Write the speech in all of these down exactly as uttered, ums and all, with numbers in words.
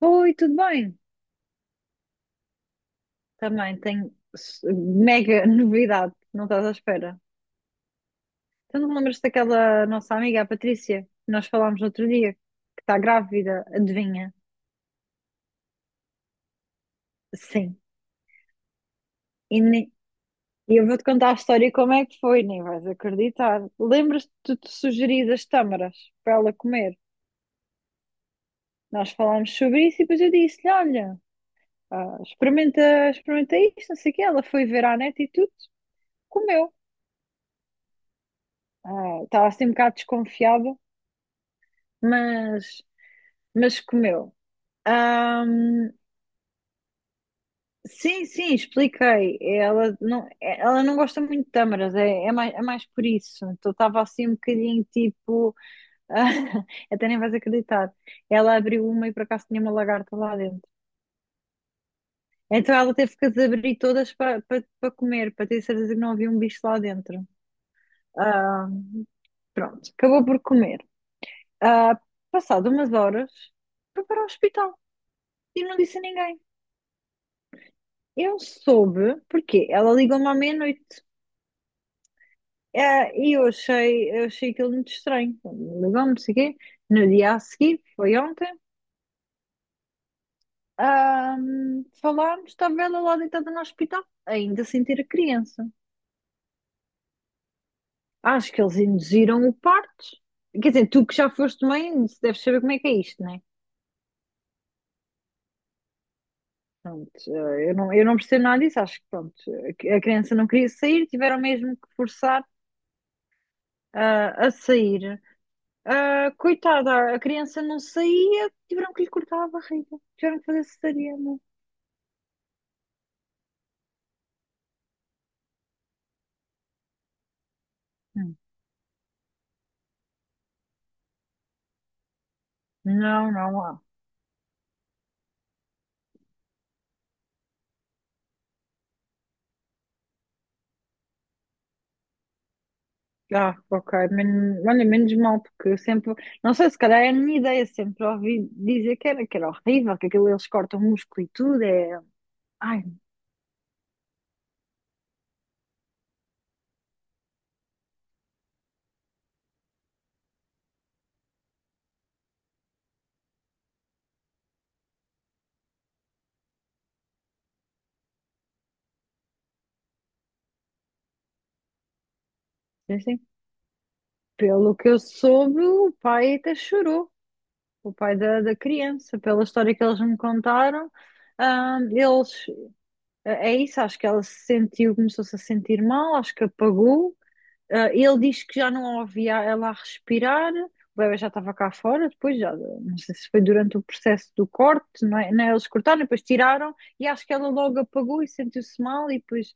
Oi, tudo bem? Também tenho s- mega novidade, não estás à espera. Tu não te lembras daquela nossa amiga, a Patrícia, que nós falámos no outro dia, que está grávida, adivinha? Sim. E ne- e eu vou-te contar a história e como é que foi, nem vais acreditar. Lembras-te de te sugerir as tâmaras para ela comer? Nós falámos sobre isso e depois eu disse-lhe, olha, ah, experimenta, experimenta isto, não sei o quê. Ela foi ver à net e tudo, comeu. Ah, Estava assim um bocado desconfiada. Mas Mas comeu. Ahm, sim, sim, expliquei. Ela não, é- ela não gosta muito de tâmaras, é, é mais, é mais por isso. Então estava assim um bocadinho tipo. Até nem vais acreditar. Ela abriu uma e por acaso tinha uma lagarta lá dentro. Então ela teve que as abrir todas para para comer, para ter certeza que não havia um bicho lá dentro. Ah, Pronto, acabou por comer. Ah, Passado umas horas, foi para o hospital e não disse a ninguém. Eu soube, porque ela ligou-me à meia-noite. É, E eu achei, eu achei aquilo muito estranho. Ligou-me, não sei o quê. No dia a seguir, foi ontem, ahm, falámos, estava ela lá deitada no hospital, ainda sem ter a criança. Acho que eles induziram o parto. Quer dizer, tu que já foste mãe, deves saber como é que é isto, não é? Pronto, eh, eu não, eu não percebo nada disso. Acho que pronto, a criança não queria sair, tiveram mesmo que forçar, ah, a sair. Ah, coitada, a criança não saía, tiveram que lhe cortar a barriga, tiveram que fazer cesariana. Hum. Não, não há. Ah, ok, Men olha, menos mal, porque eu sempre, não sei, se calhar é a minha ideia, sempre ouvi dizer que era, que era horrível, que aquilo eles cortam o músculo e tudo, é. Ai, não sei. Pelo que eu soube, o pai até chorou, o pai da, da criança, pela história que eles me contaram. Ah, eles, é é isso, acho que ela se sentiu, começou-se a sentir mal, acho que apagou. Ah, ele diz que já não ouvia ela a respirar, o bebé já estava cá fora, depois já, não sei se foi durante o processo do corte, não é? Não é? Eles cortaram, depois tiraram, e acho que ela logo apagou e sentiu-se mal, e depois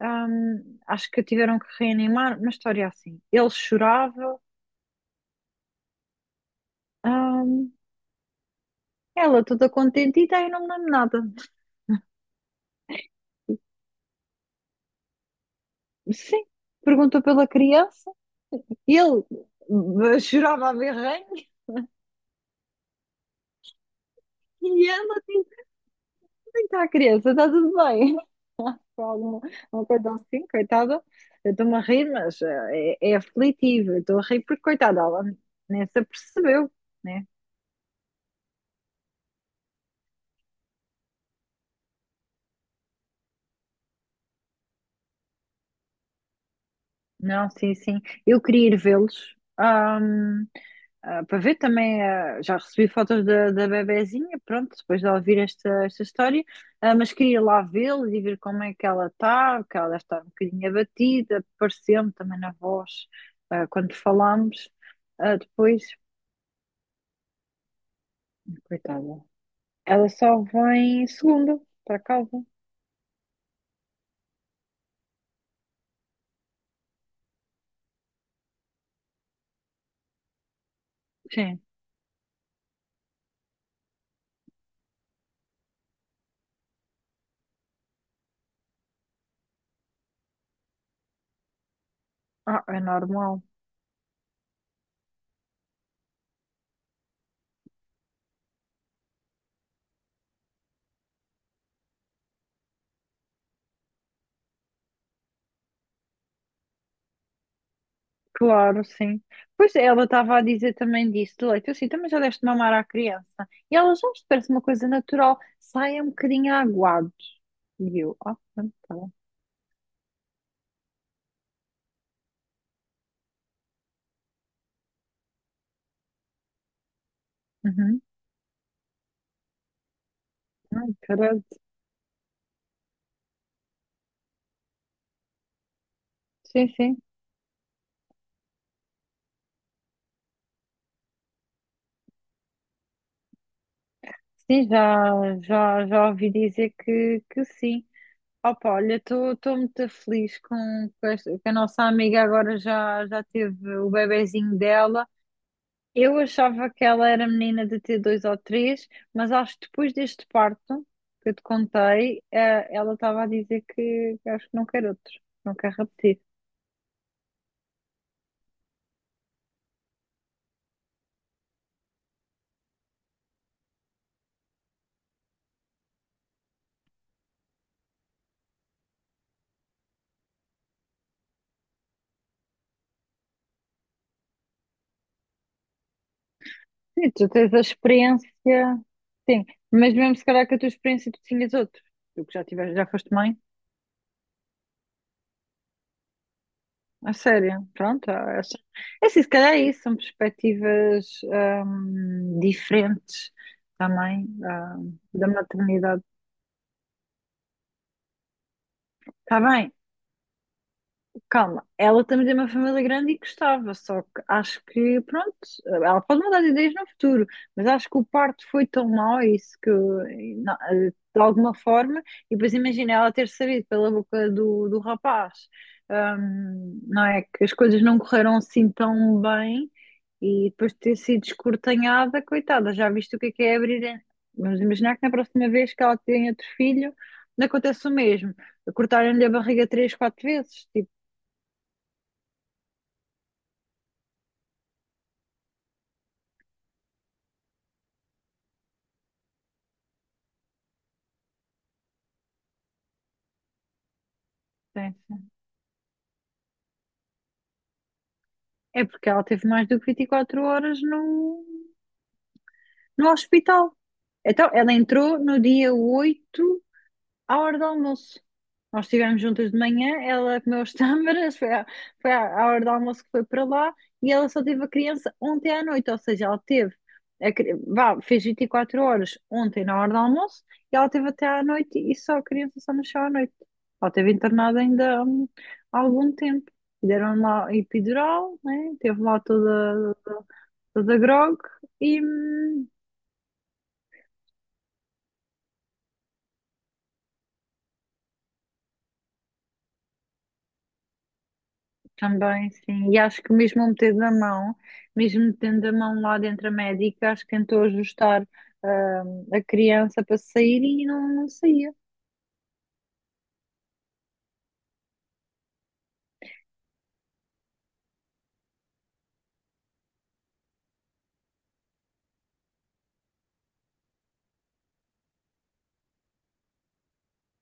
hum, acho que a tiveram que reanimar, uma história assim. Ele chorava, hum, ela toda contente, e daí não me lembro nada. Sim, perguntou pela criança, ele hum, chorava a berranho, e ela tá, criança, tá tudo bem? Por alguma uma coisa assim, coitada. Eu estou-me a rir, mas eh, é, é aflitivo. Eu estou a rir porque, coitada, ela nem se apercebeu, né? Não, sim, sim. Eu queria ir vê-los. ahm, ah, para ver também, ah, já recebi fotos da, da bebezinha, pronto, depois de ela ouvir esta, esta história, ah, mas queria lá vê-los e ver como é que ela está, porque ela deve estar um bocadinho abatida, pareceu-me também na voz, ah, quando falámos, ah, depois. Coitada. Ela só vem segunda para casa. Sim. Ah, é normal. Claro, sim. Pois é, ela estava a dizer também disso, de leite. Eu sim, também já deste mamar à criança. E ela já isto parece uma coisa natural. Sai um bocadinho aguado. E eu, ah, pronto, tá bom. Uhum. Ai, caralho. Sim, sim. Sim, já, já, já ouvi dizer que, que sim. Opa, olha, estou muito feliz com, com esta- que a nossa amiga agora já, já teve o bebezinho dela. Eu achava que ela era menina de ter dois ou três, mas acho que depois deste parto que eu te contei, eh, ela estava a dizer que, que acho que não quer outro, não quer repetir. Sim, tu tens a experiência, sim, mas mesmo se calhar que a tua experiência tu tinhas outro, tu que já tiveste, já foste mãe, a sério, pronto, ah, é assim, é assim, se calhar é isso, são perspectivas ahm, diferentes também ahm, da maternidade. Está bem, calma, ela também tem uma família grande e gostava, só que acho que, pronto, ela pode mudar de ideias no futuro, mas acho que o parto foi tão mau, é isso que, eh, na- eh, de alguma forma, e depois imagina ela ter sabido pela boca do, do rapaz, hum, não é? Que as coisas não correram assim tão bem e depois de ter sido escortanhada, coitada, já viste o que é que é abrir. Vamos imaginar que na próxima vez que ela tem outro filho, não acontece o mesmo cortarem-lhe a barriga três, quatro vezes. Tipo, sim, sim. É porque ela teve mais do que vinte e quatro horas no, no hospital. Então, ela entrou no dia oito, à hora do almoço. Nós estivemos juntas de manhã, ela comeu as tâmaras, foi, à, foi à, à hora do almoço que foi para lá e ela só teve a criança ontem à noite, ou seja, ela teve, a, cri- vá, fez vinte e quatro horas ontem na hora do almoço e ela teve até à noite e só a criança só nasceu à noite. Ela teve internada ainda hum, há algum tempo. E deram lá epidural, né? Teve lá toda, toda, toda grog e, hum, também, sim. E acho que mesmo eu metendo a mão, mesmo metendo a mão lá dentro a médica, acho que tentou ajustar hum, a criança para sair e não, não saía.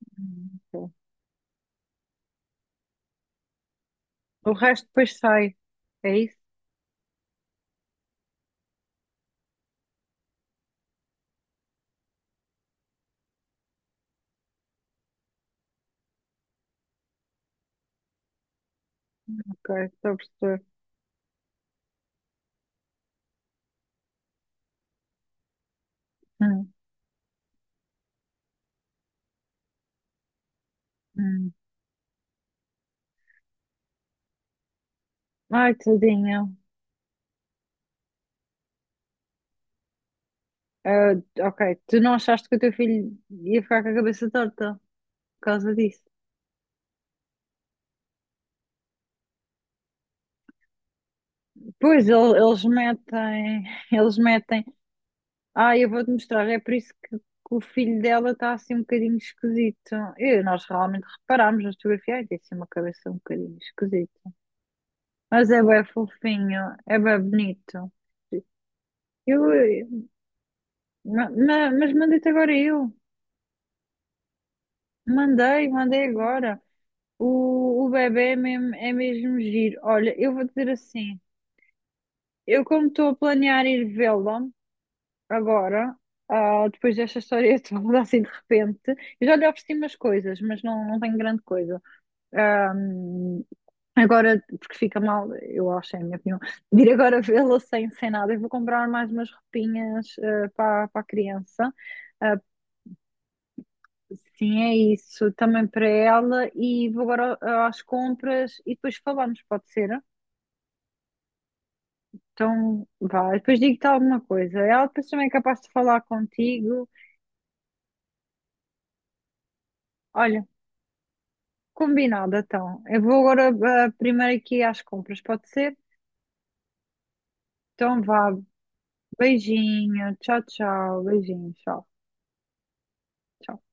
Hum, ok. O resto depois sai. É isso? Ok, estou a perceber. Hum, hum. Ai, tadinha. Ah, ok, tu não achaste que o teu filho ia ficar com a cabeça torta por causa disso? Pois, ele- eles metem, eles metem. Ah, eu vou-te mostrar, é por isso que, que o filho dela está assim um bocadinho esquisito. E nós realmente reparámos na fotografia, ai, tem assim uma cabeça um bocadinho esquisita. Mas é bem fofinho, é bem bonito. Eu, eh, ma- ma- mas mandei-te agora eu. Mandei, mandei agora. O, o bebê é mesmo, é mesmo giro. Olha, eu vou dizer assim, eu como estou a planear ir vê-lo, agora, ah, depois desta história toda, assim de repente, eu já lhe ofereci umas coisas, mas não, não tenho grande coisa. Ahm, agora, porque fica mal, eu acho, é a minha opinião, de ir agora vê-la sem, sem nada. Eu vou comprar mais umas roupinhas ah, para, para a criança. Ah, sim, é isso, também para ela. E vou agora ah, às compras e depois falamos, pode ser? Então, vá, depois digo-te alguma coisa. Ela depois também é capaz de falar contigo. Olha. Combinado, então. Eu vou agora ah, primeiro aqui às compras, pode ser? Então vá, beijinho, tchau, tchau, beijinho, tchau, tchau.